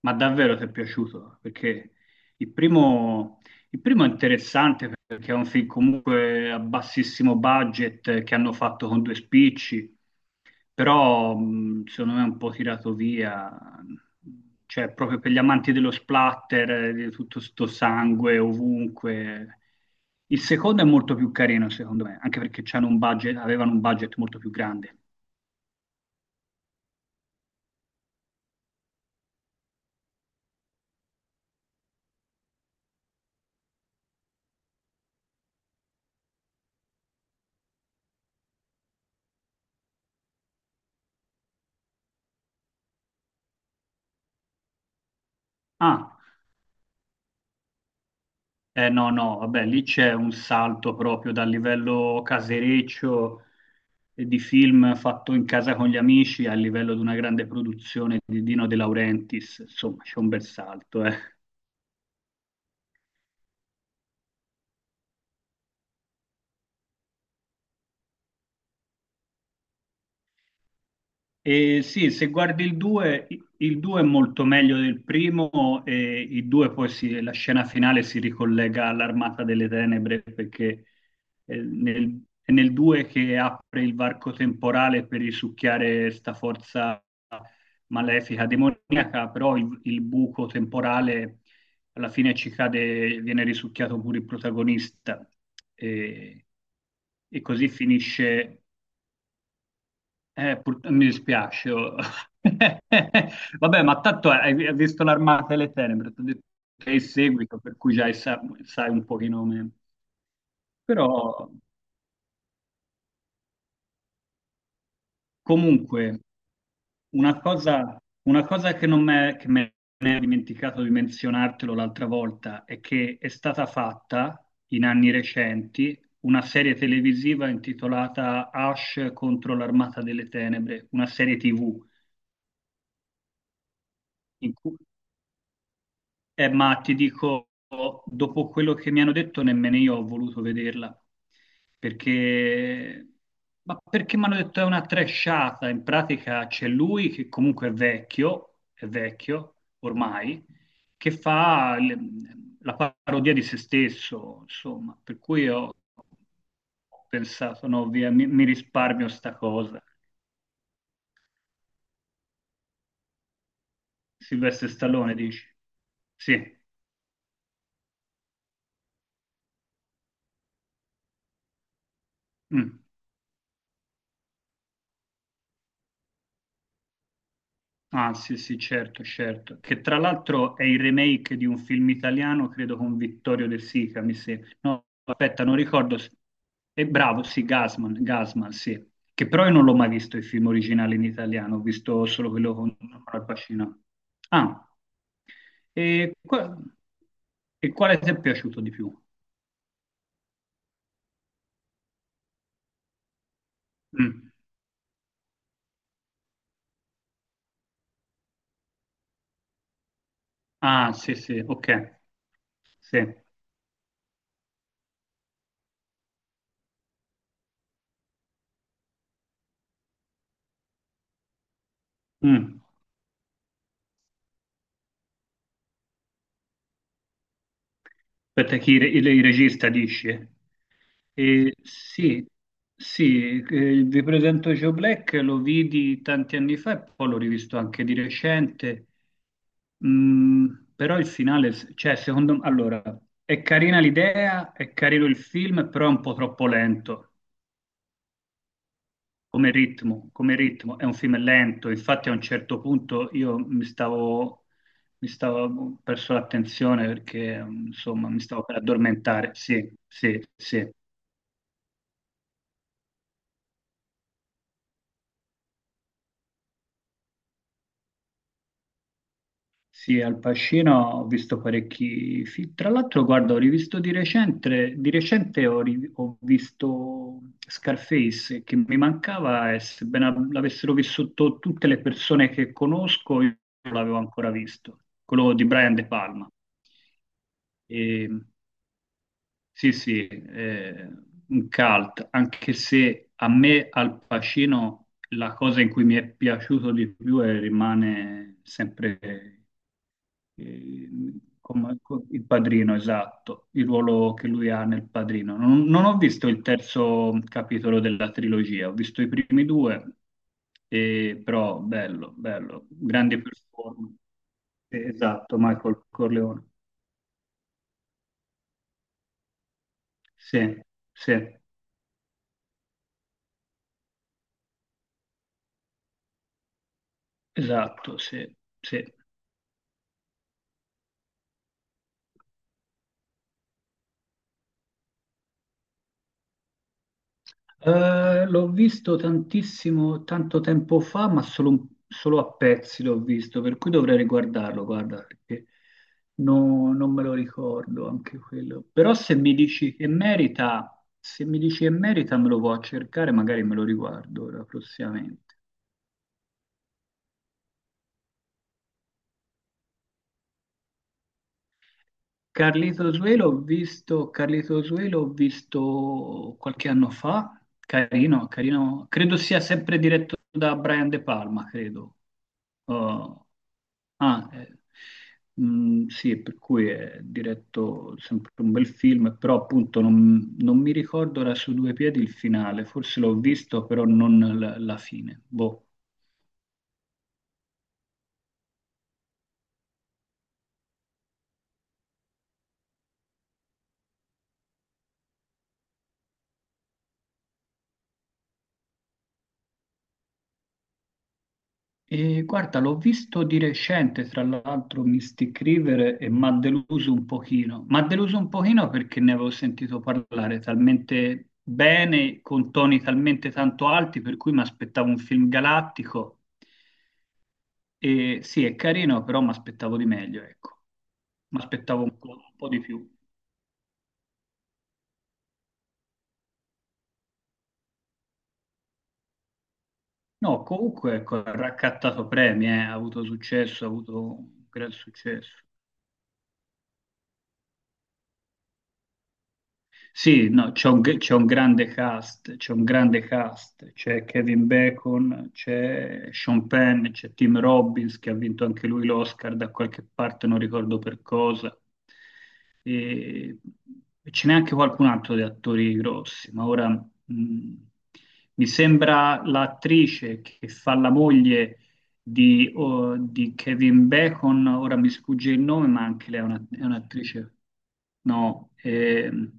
Ma davvero ti è piaciuto? Perché il primo, il primo è interessante perché è un film comunque a bassissimo budget che hanno fatto con due spicci, però secondo me è un po' tirato via, cioè proprio per gli amanti dello splatter, di tutto sto sangue ovunque. Il secondo è molto più carino secondo me, anche perché c'hanno un budget, avevano un budget molto più grande. Ah. Eh no, no, vabbè, lì c'è un salto proprio dal livello casereccio di film fatto in casa con gli amici al livello di una grande produzione di Dino De Laurentiis, insomma, c'è un bel salto, eh. E sì, se guardi il 2, il 2 è molto meglio del primo e il 2 poi la scena finale si ricollega all'Armata delle Tenebre perché è nel 2 che apre il varco temporale per risucchiare sta forza malefica, demoniaca, però il buco temporale alla fine ci cade, viene risucchiato pure il protagonista e, e così finisce. Mi dispiace. Oh. Vabbè, ma tanto hai visto l'Armata delle Tenebre, ti ho detto che è il seguito, per cui già sai un pochino meno. Però. Comunque, una cosa, una cosa che non che me ne ho dimenticato di menzionartelo l'altra volta è che è stata fatta in anni recenti una serie televisiva intitolata Ash contro l'Armata delle Tenebre, una serie TV in cui. Ma ti dico, dopo quello che mi hanno detto, nemmeno io ho voluto vederla, perché, ma perché mi hanno detto è una trashata, in pratica c'è lui che comunque è vecchio ormai, che fa la parodia di se stesso, insomma, per cui ho pensato, no, via, mi risparmio sta cosa. Silvestre Stallone, dici? Sì. Mm. Ah, sì, sì, certo, certo. Che tra l'altro è il remake di un film italiano, credo con Vittorio De Sica, mi sembra. No, aspetta, non ricordo. È bravo, sì, Gasman, Gasman, sì. Che però io non l'ho mai visto il film originale in italiano, ho visto solo quello con Al Pacino. Ah, e, qua- e quale ti è piaciuto di più? Mm. Ah, sì, sì, ok. Sì. Mm. Aspetta, chi il regista dice? Sì, sì, vi presento Joe Black, lo vidi tanti anni fa e poi l'ho rivisto anche di recente. Mm, Però il finale, cioè, secondo me, allora, è carina l'idea, è carino il film, però è un po' troppo lento. Come ritmo, è un film lento, infatti a un certo punto io mi stavo ho perso l'attenzione perché insomma mi stavo per addormentare, sì, sì, sì. Sì, Al Pacino ho visto parecchi film. Tra l'altro, guarda, ho rivisto di recente ho visto Scarface, che mi mancava e sebbene l'avessero vissuto tutte le persone che conosco, io non l'avevo ancora visto, quello di Brian De Palma. E sì, sì, un cult, anche se a me Al Pacino la cosa in cui mi è piaciuto di più rimane sempre eh, il padrino, esatto, il ruolo che lui ha nel padrino. Non ho visto il terzo capitolo della trilogia, ho visto i primi due, però bello, bello, grande performance. Esatto, Michael Corleone. Sì, sì. Esatto, sì, sì. L'ho visto tantissimo, tanto tempo fa, ma solo a pezzi l'ho visto, per cui dovrei riguardarlo, guarda, perché non me lo ricordo anche quello. Però se mi dici che merita, se mi dici che merita, me lo può cercare, magari me lo riguardo ora prossimamente. Carlitos Way l'ho visto, Carlitos Way l'ho visto qualche anno fa, carino, carino, credo sia sempre diretto da Brian De Palma, credo. Oh, ah, sì, per cui è diretto sempre un bel film, però appunto non mi ricordo era su due piedi il finale, forse l'ho visto, però non la fine. Boh. E guarda, l'ho visto di recente, tra l'altro, Mystic River e mi ha deluso un pochino. Mi ha deluso un pochino perché ne avevo sentito parlare talmente bene, con toni talmente tanto alti, per cui mi aspettavo un film galattico. E sì, è carino, però mi aspettavo di meglio, ecco. Mi aspettavo un po' di più. No, comunque, ecco, ha raccattato premi, ha avuto successo, ha avuto un gran successo. Sì, no, c'è un grande cast, c'è un grande cast, c'è Kevin Bacon, c'è Sean Penn, c'è Tim Robbins che ha vinto anche lui l'Oscar da qualche parte, non ricordo per cosa. E, e ce n'è anche qualcun altro di attori grossi, ma ora mi sembra l'attrice che fa la moglie di Kevin Bacon, ora mi sfugge il nome, ma anche lei è un'attrice. No,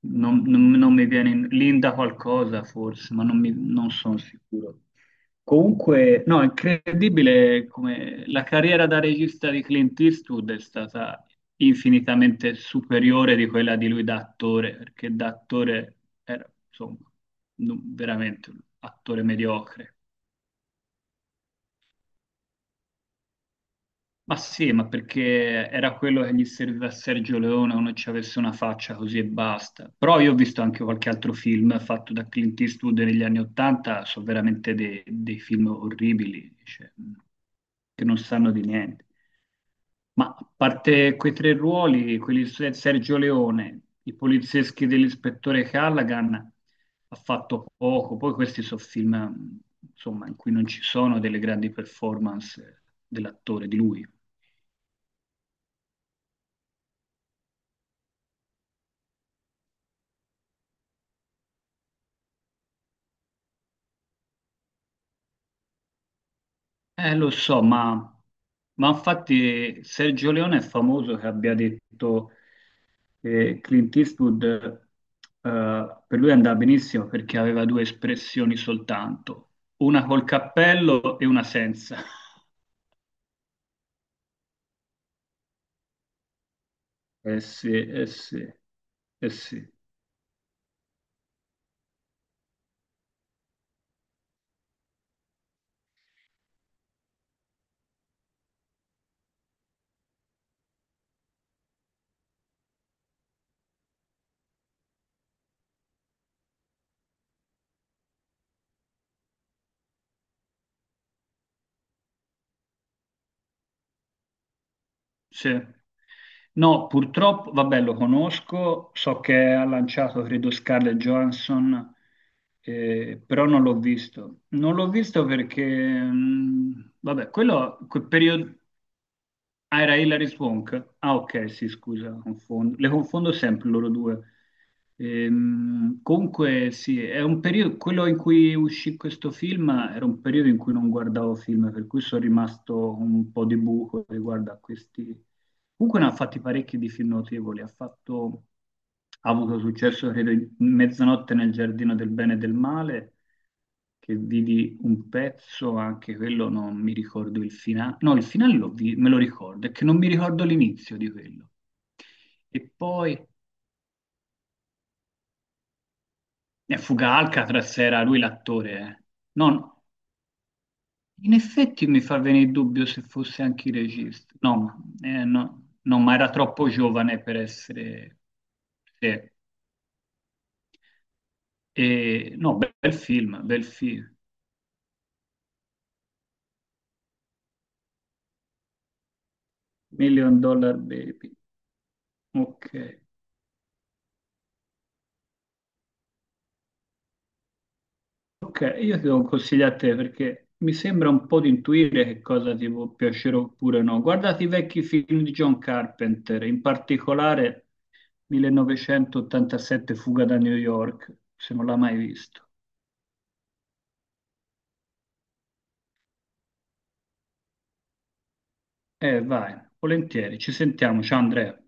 non mi viene Linda qualcosa forse, ma non sono sicuro. Comunque, no, è incredibile come la carriera da regista di Clint Eastwood è stata infinitamente superiore di quella di lui da attore, perché da attore era, insomma, veramente un attore mediocre. Ma sì, ma perché era quello che gli serviva a Sergio Leone, uno ci avesse una faccia così e basta. Però io ho visto anche qualche altro film fatto da Clint Eastwood negli anni Ottanta, sono veramente dei, dei film orribili, cioè, che non sanno di niente. Ma a parte quei tre ruoli, quelli di Sergio Leone, i polizieschi dell'ispettore Callaghan, ha fatto poco. Poi questi sono film, insomma, in cui non ci sono delle grandi performance dell'attore, di lui. Lo so, ma, infatti Sergio Leone è famoso che abbia detto che Clint Eastwood, per lui andava benissimo perché aveva due espressioni soltanto, una col cappello e una senza. Eh sì, eh sì, eh sì. Sì. No, purtroppo, vabbè, lo conosco, so che ha lanciato, credo, Scarlett Johansson, però non l'ho visto. Non l'ho visto perché, vabbè, quel periodo. Ah, era Hilary Swank. Ah, ok, sì, scusa, confondo. Le confondo sempre loro due. Comunque, sì, è un periodo, quello in cui uscì questo film era un periodo in cui non guardavo film, per cui sono rimasto un po' di buco riguardo a questi. Comunque ne ha fatti parecchi di film notevoli, ha fatto, ha avuto successo, credo, in Mezzanotte nel giardino del bene e del male, che vidi un pezzo, anche quello non mi ricordo il finale. No, il finale l'ho me lo ricordo, è che non mi ricordo l'inizio di quello. E poi Fuga Alcatraz era lui l'attore, eh. No, no, in effetti mi fa venire il dubbio se fosse anche il regista. No, ma no, no, ma era troppo giovane per essere. Sì. E, no, bel film, bel film. Million Dollar Baby. Ok. Ok, io ti do un consiglio a te perché mi sembra un po' di intuire che cosa ti può piacere oppure no. Guardate i vecchi film di John Carpenter, in particolare 1987 Fuga da New York, se non l'ha mai visto. Vai, volentieri, ci sentiamo, ciao Andrea.